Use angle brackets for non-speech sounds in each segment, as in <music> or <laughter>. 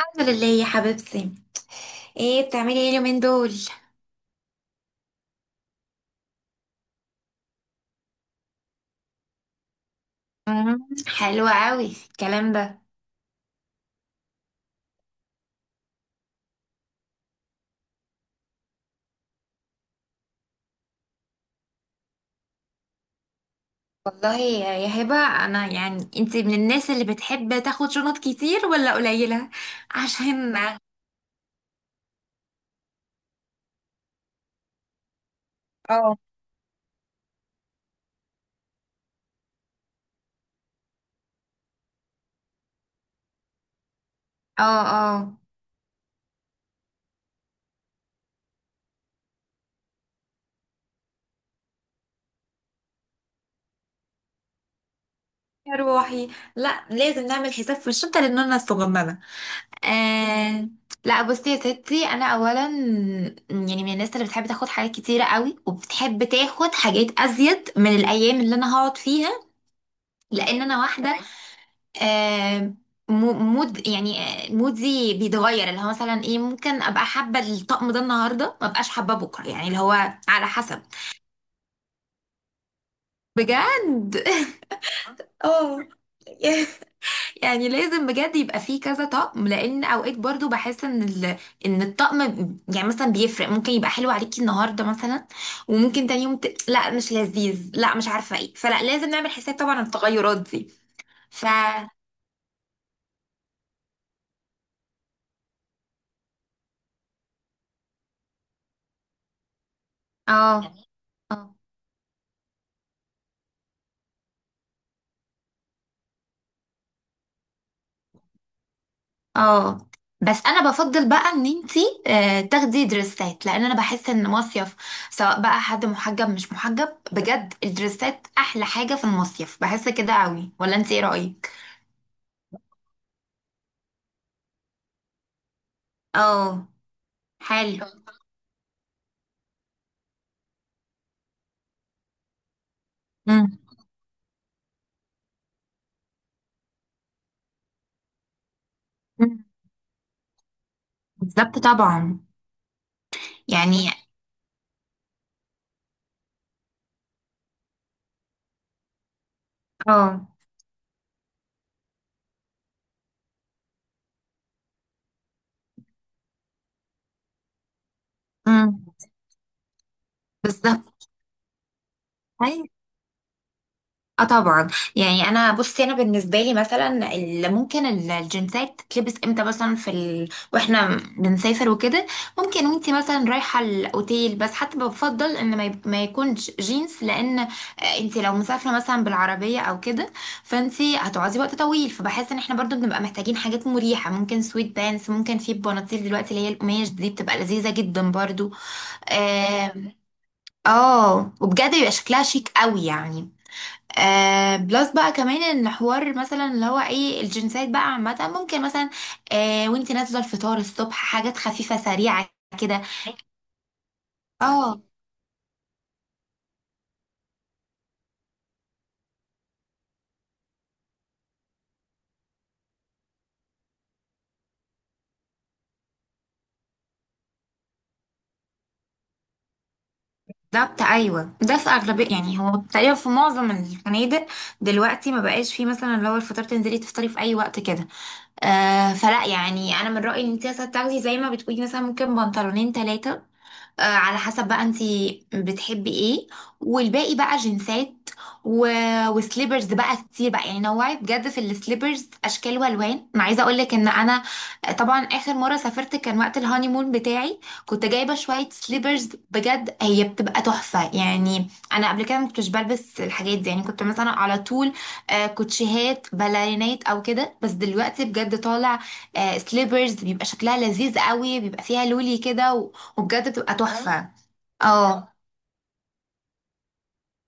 الحمد لله يا حبيبتي. بتعملي ايه اليومين دول؟ حلوة قوي الكلام ده. والله يا هبة، انا، يعني، انتي من الناس اللي بتحب تاخد شنط كتير ولا قليلة؟ عشان <laughs> اه، اه، اه. يا روحي، لا، لازم نعمل حساب في الشنطة لأننا الصغننة. آه. لا بصي يا ستي، انا اولا يعني من الناس اللي بتحب تاخد حاجات كتيرة قوي وبتحب تاخد حاجات ازيد من الايام اللي انا هقعد فيها، لان انا واحدة. آه، مود، يعني، مودي بيتغير اللي هو مثلا ايه. ممكن ابقى حابه الطقم ده النهارده ما ابقاش حابه بكره، يعني اللي هو على حسب. بجد <laughs> اه. يعني لازم بجد يبقى فيه كذا طقم، لان اوقات برضو بحس ان ال... ان الطقم ب- يعني مثلا بيفرق. ممكن يبقى حلو عليكي النهارده مثلا، وممكن تاني يوم ت... لا مش لذيذ، لا مش عارفه ايه، فلا، لازم نعمل حساب طبعا التغيرات دي. ف اه، اه، اه. بس انا بفضل بقى ان انتي تاخدي دريسات، لان انا بحس ان مصيف سواء بقى حد محجب مش محجب، بجد الدريسات احلى حاجة في المصيف، بحس كده قوي، ولا انتي ايه رأيك؟ اه، حلو. مم. مم. بالظبط طبعا. يعني، اه. مم. بالظبط. اه طبعا. يعني انا، بصي انا بالنسبه لي مثلا ممكن الجنسات تلبس امتى؟ مثلا واحنا بنسافر وكده، ممكن وانتي مثلا رايحه الاوتيل، بس حتى بفضل ان ما يكونش جينز، لان انتي لو مسافره مثلا بالعربيه او كده، فانتي هتقعدي وقت طويل، فبحس ان احنا برضو بنبقى محتاجين حاجات مريحه. ممكن سويت بانس، ممكن في بناطيل دلوقتي اللي هي القماش دي بتبقى لذيذه جدا برضو. اه. وبجد بيبقى شكلها شيك قوي يعني. بلس بقى كمان ان حوار، مثلا اللي هو ايه، الجنسات بقى عامة ممكن مثلا وانت نازلة الفطار الصبح، حاجات خفيفة سريعة كده. اه بالظبط، ايوه، ده في اغلبيه، يعني هو تقريبا في معظم الفنادق دلوقتي، ما بقاش فيه مثلا اللي هو الفطار تنزلي تفطري في اي وقت كده. فلا، يعني انا من رايي ان انت مثلا تاخدي زي ما بتقولي، مثلا ممكن بنطلونين ثلاثه، على حسب بقى انتي بتحبي ايه، والباقي بقى جنسات و... وسليبرز بقى كتير بقى، يعني نوعي بجد في السليبرز اشكال والوان. ما عايزه اقول لك ان انا طبعا اخر مره سافرت كان وقت الهانيمون بتاعي، كنت جايبه شويه سليبرز، بجد هي بتبقى تحفه. يعني انا قبل كده ما كنتش بلبس الحاجات دي، يعني كنت مثلا على طول كوتشيهات باليرينات او كده، بس دلوقتي بجد طالع سليبرز بيبقى شكلها لذيذ قوي، بيبقى فيها لولي كده، وبجد بتبقى فاهمة تحفة. اه،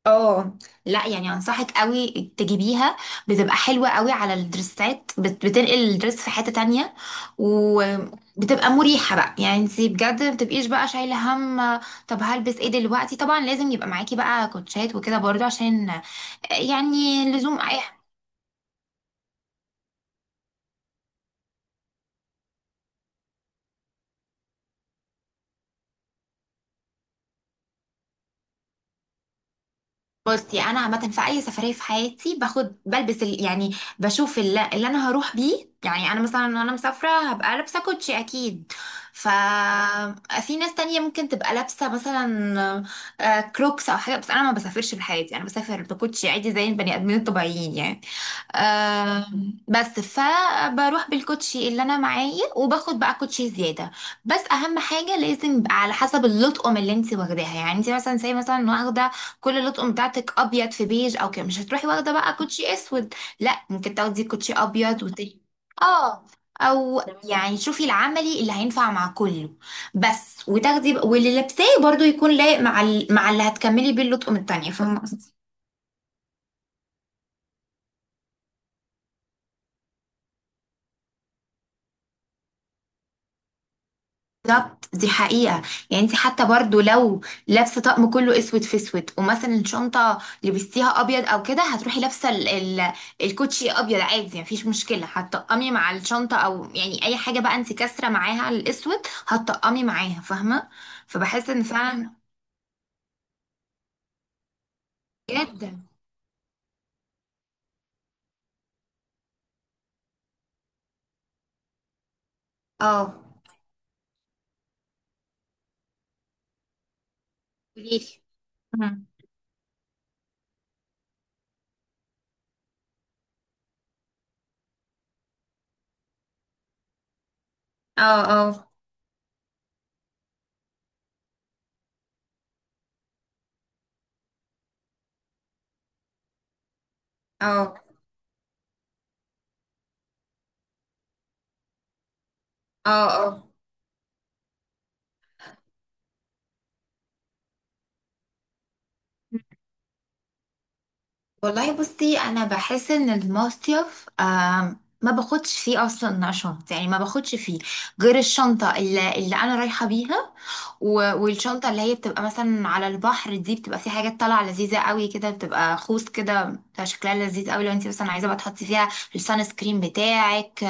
اه، لا يعني انصحك قوي تجيبيها. بتبقى حلوة قوي على الدرسات، بتنقل الدرس في حتة تانية، وبتبقى مريحة بقى، يعني انتي بجد ما بتبقيش بقى شايلة هم. طب هلبس ايه دلوقتي؟ طبعا لازم يبقى معاكي بقى كوتشات وكده برضو عشان يعني لزوم اي. بصي انا عامه في اي سفريه في حياتي باخد بلبس يعني بشوف اللي انا هروح بيه، يعني انا مثلا وانا مسافره هبقى لابسه كوتشي اكيد. ف في ناس تانية ممكن تبقى لابسه مثلا كروكس او حاجه، بس انا ما بسافرش بحياتي، انا بسافر بكوتشي عادي زي البني ادمين الطبيعيين يعني. آم، بس فبروح بالكوتشي اللي انا معايا وباخد بقى كوتشي زياده، بس اهم حاجه لازم يبقى على حسب اللطقم اللي انت واخداها. يعني انت مثلا، زي مثلا واخده كل اللطقم بتاعتك ابيض في بيج او كده، مش هتروحي واخده بقى كوتشي اسود. لا، ممكن تاخدي كوتشي ابيض وتاني. اه، او تمام. يعني شوفي العملي اللي هينفع مع كله، بس وتاخدي واللي لابساه برضو يكون لايق مع مع اللي هتكملي بيه اللطقم التانية، فاهمة؟ بالظبط، دي حقيقة. يعني انت حتى برضو لو لابسة طقم كله اسود في اسود، ومثلا الشنطة لبستيها ابيض او كده، هتروحي لابسة ال الكوتشي ابيض عادي، يعني مفيش مشكلة، هتطقمي مع الشنطة، او يعني اي حاجة بقى انت كاسرة معاها الاسود هتطقمي معاها، فاهمة؟ فبحس ان فعلا، جدا. اه. قوليلي. مم. اه، اه، اه، اه، اه. والله بصي انا بحس ان المصيف ما باخدش فيه اصلا شنطه، يعني ما باخدش فيه غير الشنطه اللي انا رايحه بيها، والشنطه اللي هي بتبقى مثلا على البحر دي بتبقى في حاجات طالعه لذيذه قوي كده، بتبقى خوذ كده، بتبقى شكلها لذيذ قوي. لو انت مثلا عايزه بقى تحطي فيها السان سكرين بتاعك،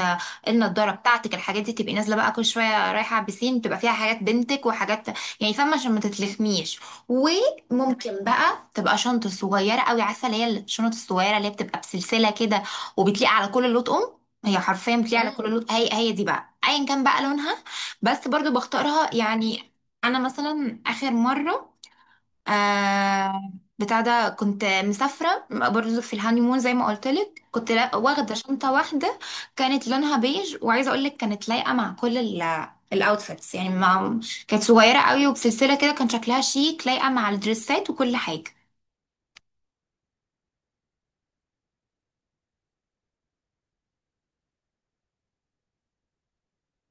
النضاره بتاعتك، الحاجات دي، تبقي نازله بقى كل شويه رايحه على البسين، تبقى فيها حاجات بنتك وحاجات، يعني فاهمه، عشان ما تتلخميش. وممكن بقى تبقى شنطه صغيره قوي، عارفه اللي هي الشنط الصغيره اللي هي بتبقى بسلسله كده وبتليق على كل لون. هي حرفيا بتليق على كل لون. هي دي بقى ايا كان بقى لونها، بس برضو بختارها يعني. انا مثلا اخر مره آه بتاع ده، كنت مسافرة برضو في الهانيمون زي ما قلت لك، كنت واخدة شنطة واحدة كانت لونها بيج، وعايزة اقول لك كانت لايقة مع كل الاوتفيتس، يعني ما. كانت صغيرة قوي وبسلسلة كده، كان شكلها شيك، لايقة مع الدريسات وكل حاجة.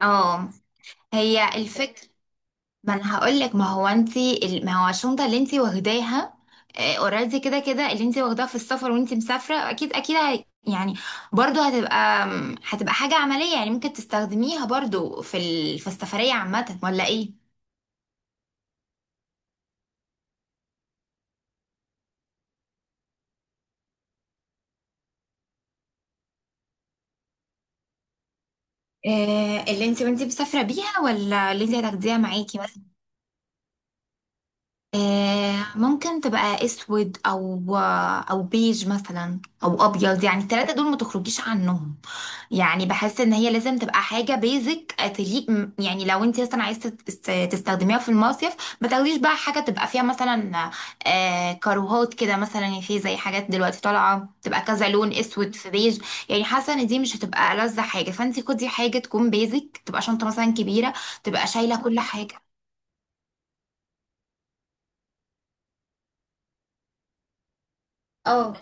اه. هي الفكرة. ما انا هقولك، ما هو الشنطه اللي انتي واخداها اوريدي، كده كده اللي انتي واخداها في السفر وانتي مسافره اكيد اكيد هي، يعني برضو هتبقى هتبقى حاجه عمليه، يعني ممكن تستخدميها برضو في السفريه عامه ولا ايه؟ اللي انتي وانتي مسافره بيها ولا اللي انتي هتاخديها معاكي مثلا؟ ممكن تبقى اسود، او او بيج مثلا او ابيض، يعني الثلاثه دول ما تخرجيش عنهم. يعني بحس ان هي لازم تبقى حاجه بيزك تليق. يعني لو انت مثلا عايزه تستخدميها في المصيف، ما تاخديش بقى حاجه تبقى فيها مثلا كاروهات كده مثلا، يعني في زي حاجات دلوقتي طالعه تبقى كذا لون، اسود في بيج. يعني حاسه ان دي مش هتبقى ألذ حاجه، فانت خدي حاجه تكون بيزك، تبقى شنطه مثلا كبيره تبقى شايله كل حاجه. اه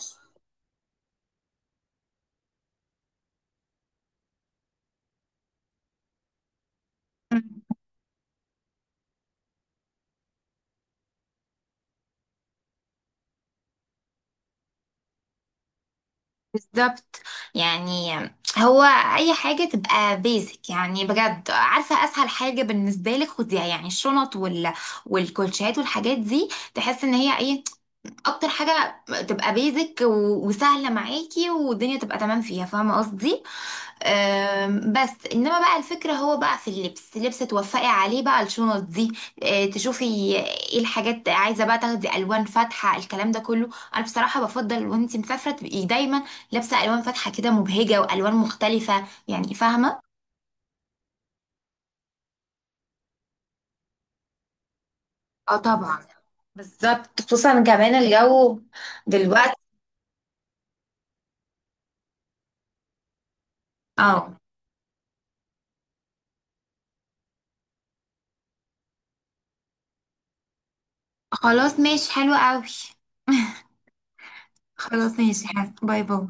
بالظبط. يعني، هو، اي حاجه تبقى بيزك، يعني بجد، عارفه اسهل حاجه بالنسبه لك خديها، يعني الشنط والكوتشيات والحاجات دي، تحس ان هي ايه اكتر حاجه تبقى بيزك وسهله معاكي، والدنيا تبقى تمام فيها، فاهمه قصدي؟ بس انما بقى الفكرة هو بقى في اللبس توفقي عليه بقى الشنط دي. تشوفي ايه الحاجات عايزة بقى، تاخدي الوان فاتحة الكلام ده كله. انا بصراحة بفضل وانتي مسافرة تبقي دايما لابسة الوان فاتحة كده مبهجة والوان مختلفة، يعني فاهمة؟ اه طبعا. بالظبط، خصوصا كمان الجو دلوقتي. اه. خلاص ماشي، حلو قوي. خلاص ماشي حلو. باي باي.